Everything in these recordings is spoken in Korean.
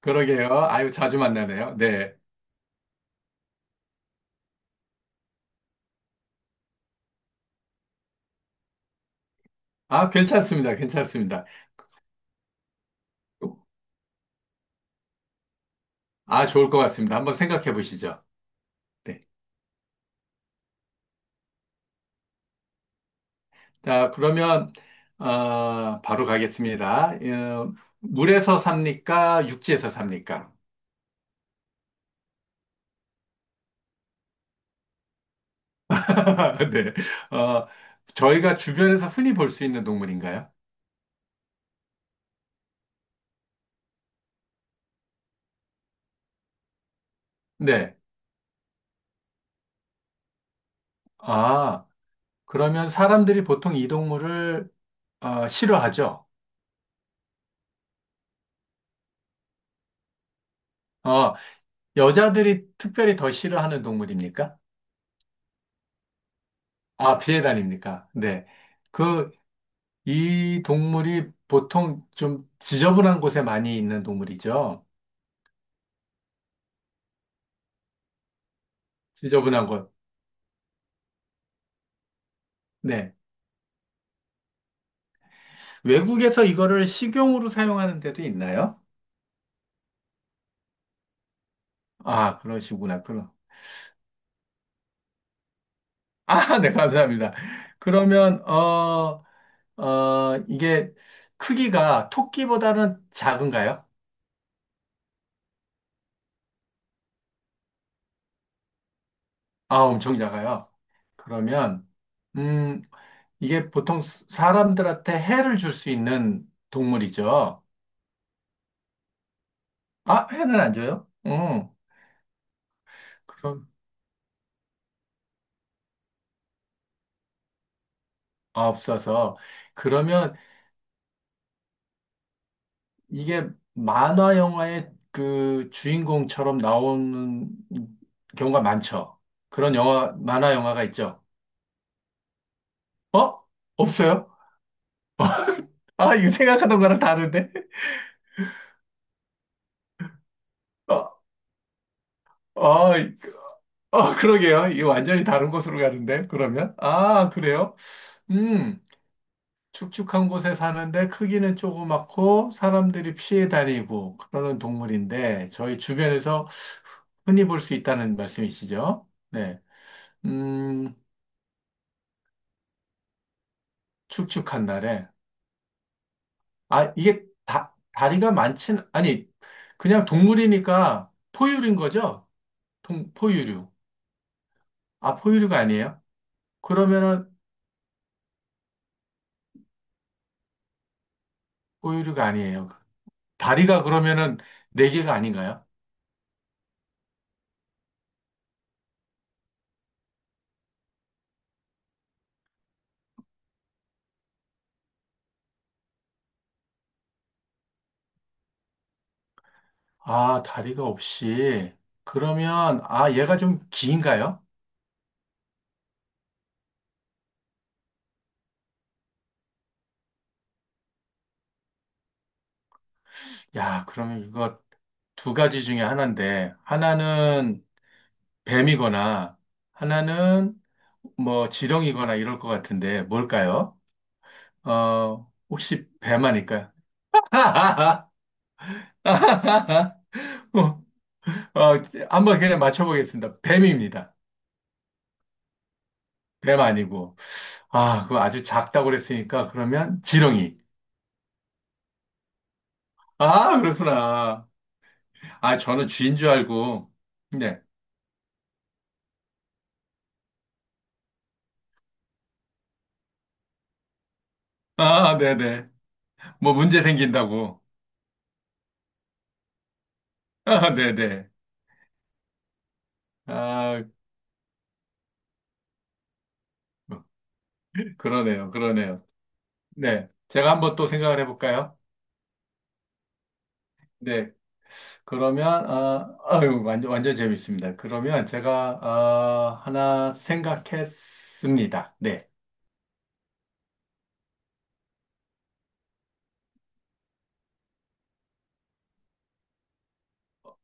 그러게요. 아유, 자주 만나네요. 네. 아, 괜찮습니다. 괜찮습니다. 아, 좋을 것 같습니다. 한번 생각해 보시죠. 네. 자, 그러면, 바로 가겠습니다. 물에서 삽니까? 육지에서 삽니까? 네. 어, 저희가 주변에서 흔히 볼 수 있는 동물인가요? 네. 아, 그러면 사람들이 보통 이 동물을, 싫어하죠? 어, 여자들이 특별히 더 싫어하는 동물입니까? 아, 피해 다닙니까? 네. 그, 이 동물이 보통 좀 지저분한 곳에 많이 있는 동물이죠. 지저분한 곳. 네. 외국에서 이거를 식용으로 사용하는 데도 있나요? 아, 그러시구나. 그럼. 아, 네, 감사합니다. 그러면, 이게 크기가 토끼보다는 작은가요? 아, 엄청 작아요. 그러면, 음, 이게 보통 사람들한테 해를 줄 수 있는 동물이죠. 아, 회는 안 줘요? 응. 그럼, 아, 없어서. 그러면 이게 만화 영화의 그 주인공처럼 나오는 경우가 많죠. 그런 영화, 만화 영화가 있죠. 어? 없어요? 아, 이거 생각하던 거랑 다른데? 어, 어, 그러게요. 이거 완전히 다른 곳으로 가는데, 그러면? 아, 그래요? 음, 축축한 곳에 사는데 크기는 조그맣고 사람들이 피해 다니고 그러는 동물인데 저희 주변에서 흔히 볼 수 있다는 말씀이시죠? 네. 음, 축축한 날에. 아, 이게 다리가 많진, 아니, 그냥 동물이니까 포유류인 거죠? 포유류. 아, 포유류가 아니에요? 그러면은 포유류가 아니에요. 다리가 그러면은 네 개가 아닌가요? 아, 다리가 없이. 그러면, 아, 얘가 좀 긴가요? 야, 그러면 이거 두 가지 중에 하나인데, 하나는 뱀이거나 하나는 뭐 지렁이거나 이럴 것 같은데 뭘까요? 혹시 뱀 아닐까요? 어, 한번 그냥 맞춰보겠습니다. 뱀입니다. 뱀 아니고. 아, 그거 아주 작다고 그랬으니까 그러면 지렁이. 아, 그렇구나. 아, 저는 쥐인 줄 알고. 네. 아, 네네. 뭐 문제 생긴다고. 아, 네네. 아, 그러네요. 그러네요. 네. 제가 한번 또 생각을 해볼까요? 네. 그러면, 아, 아유, 완전, 완전 재밌습니다. 그러면 제가, 아, 하나 생각했습니다. 네.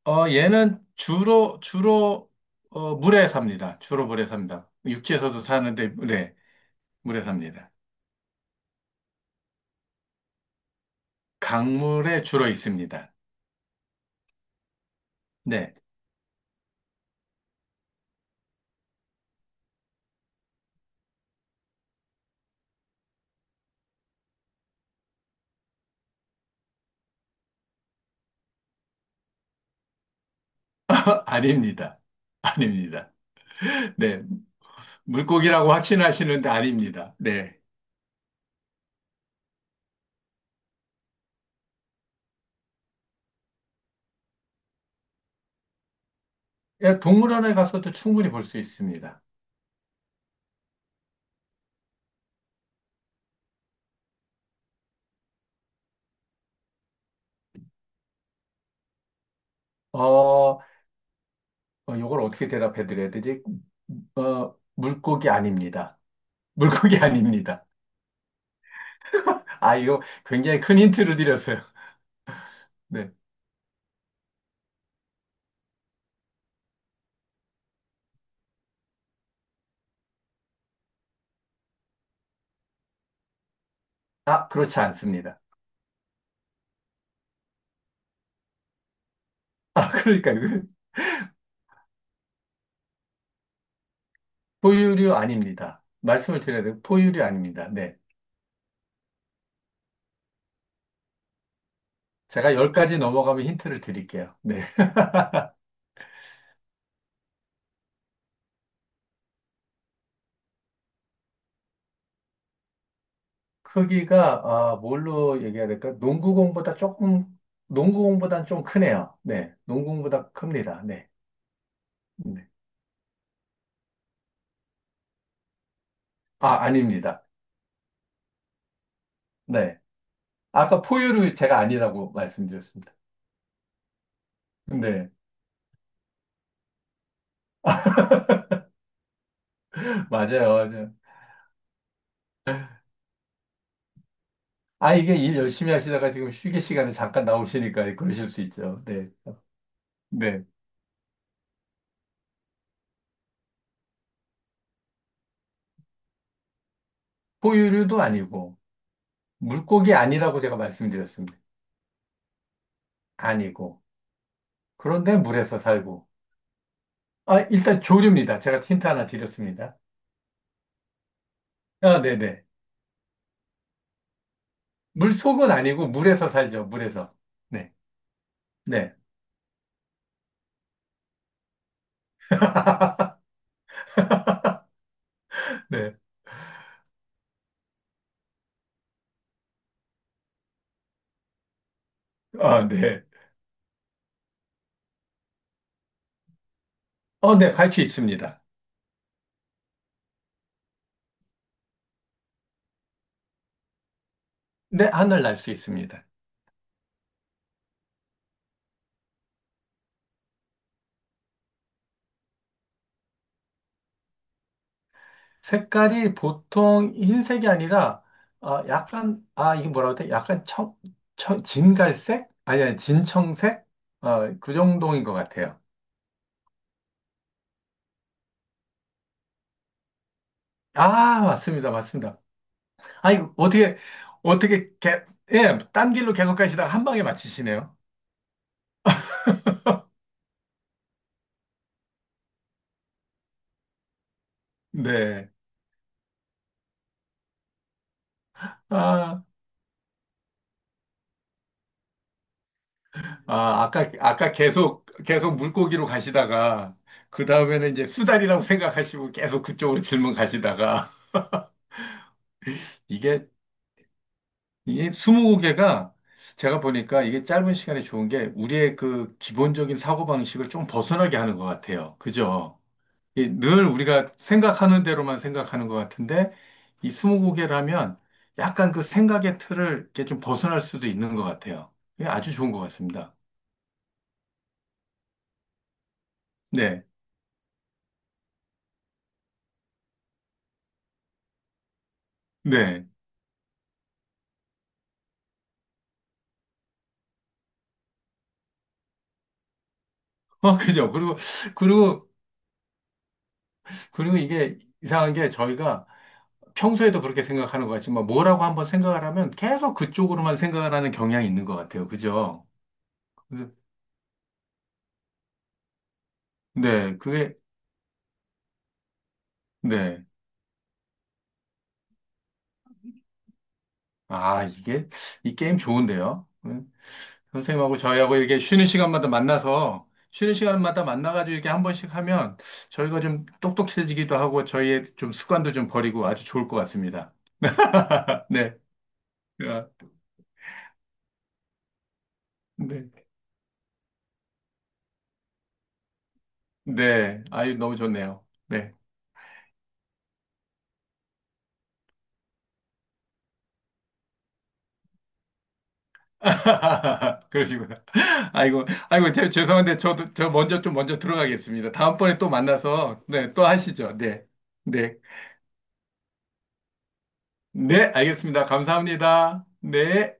얘는 주로, 물에 삽니다. 주로 물에 삽니다. 육지에서도 사는데, 네. 물에 삽니다. 강물에 주로 있습니다. 네. 아닙니다. 아닙니다. 네. 물고기라고 확신하시는데 아닙니다. 네. 예, 동물원에 가서도 충분히 볼 수 있습니다. 어, 요걸 어떻게 대답해 드려야 되지? 물고기 아닙니다. 물고기 아닙니다. 아, 이거 굉장히 큰 힌트를 드렸어요. 네. 아, 그렇지 않습니다. 아, 그러니까 포유류 아닙니다. 말씀을 드려야 돼요. 포유류 아닙니다. 네. 제가 10가지 넘어가면 힌트를 드릴게요. 네. 크기가 아, 뭘로 얘기해야 될까? 농구공보다 조금 농구공보다는 좀 크네요. 네. 농구공보다 큽니다. 네. 네. 아, 아닙니다. 네. 아까 포유류 제가 아니라고 말씀드렸습니다. 네, 맞아요, 맞아요. 아, 이게 일 열심히 하시다가 지금 휴게 시간에 잠깐 나오시니까 그러실 수 있죠. 네. 네. 포유류도 아니고, 물고기 아니라고 제가 말씀드렸습니다. 아니고. 그런데 물에서 살고. 아, 일단 조류입니다. 제가 힌트 하나 드렸습니다. 아, 네네. 물속은 아니고 물에서 살죠. 물에서. 네. 네. 네. 아, 네. 어, 네. 갈 수 있습니다. 네, 하늘 날 수 있습니다. 색깔이 보통 흰색이 아니라 약간 아 이게 뭐라고 해야 돼? 약간 청 진갈색? 아니 아니 진청색? 그 정도인 것 같아요. 아 맞습니다 맞습니다. 아이 어떻게 어떻게 예, 딴 길로 계속 가시다가 한 방에 맞히시네요. 네. 아, 아 아까 아까 계속 계속 물고기로 가시다가 그 다음에는 이제 수달이라고 생각하시고 계속 그쪽으로 질문 가시다가 이게 이게 무고개가 제가 보니까 이게 짧은 시간에 좋은 게 우리의 그 기본적인 사고방식을 좀 벗어나게 하는 것 같아요. 그죠? 이늘 우리가 생각하는 대로만 생각하는 것 같은데 이무고개라면 약간 그 생각의 틀을 이렇게 좀 벗어날 수도 있는 것 같아요. 이게 아주 좋은 것 같습니다. 네. 네. 그죠? 그리고, 그리고, 이게 이상한 게 저희가 평소에도 그렇게 생각하는 것 같지만 뭐라고 한번 생각을 하면 계속 그쪽으로만 생각을 하는 경향이 있는 것 같아요. 그죠? 네, 네, 그게, 네. 아, 이게, 이 게임 좋은데요? 선생님하고 저희하고 이렇게 쉬는 시간마다 만나서, 쉬는 시간마다 만나가지고 이렇게 한 번씩 하면 저희가 좀 똑똑해지기도 하고 저희의 좀 습관도 좀 버리고 아주 좋을 것 같습니다. 네. 아, 네. 네. 아유, 너무 좋네요. 네. 그러시구나. 아이고, 아이고, 죄송한데 저 먼저 좀 먼저 들어가겠습니다. 다음번에 또 만나서, 네, 또 하시죠. 네. 네. 네, 알겠습니다. 감사합니다. 네.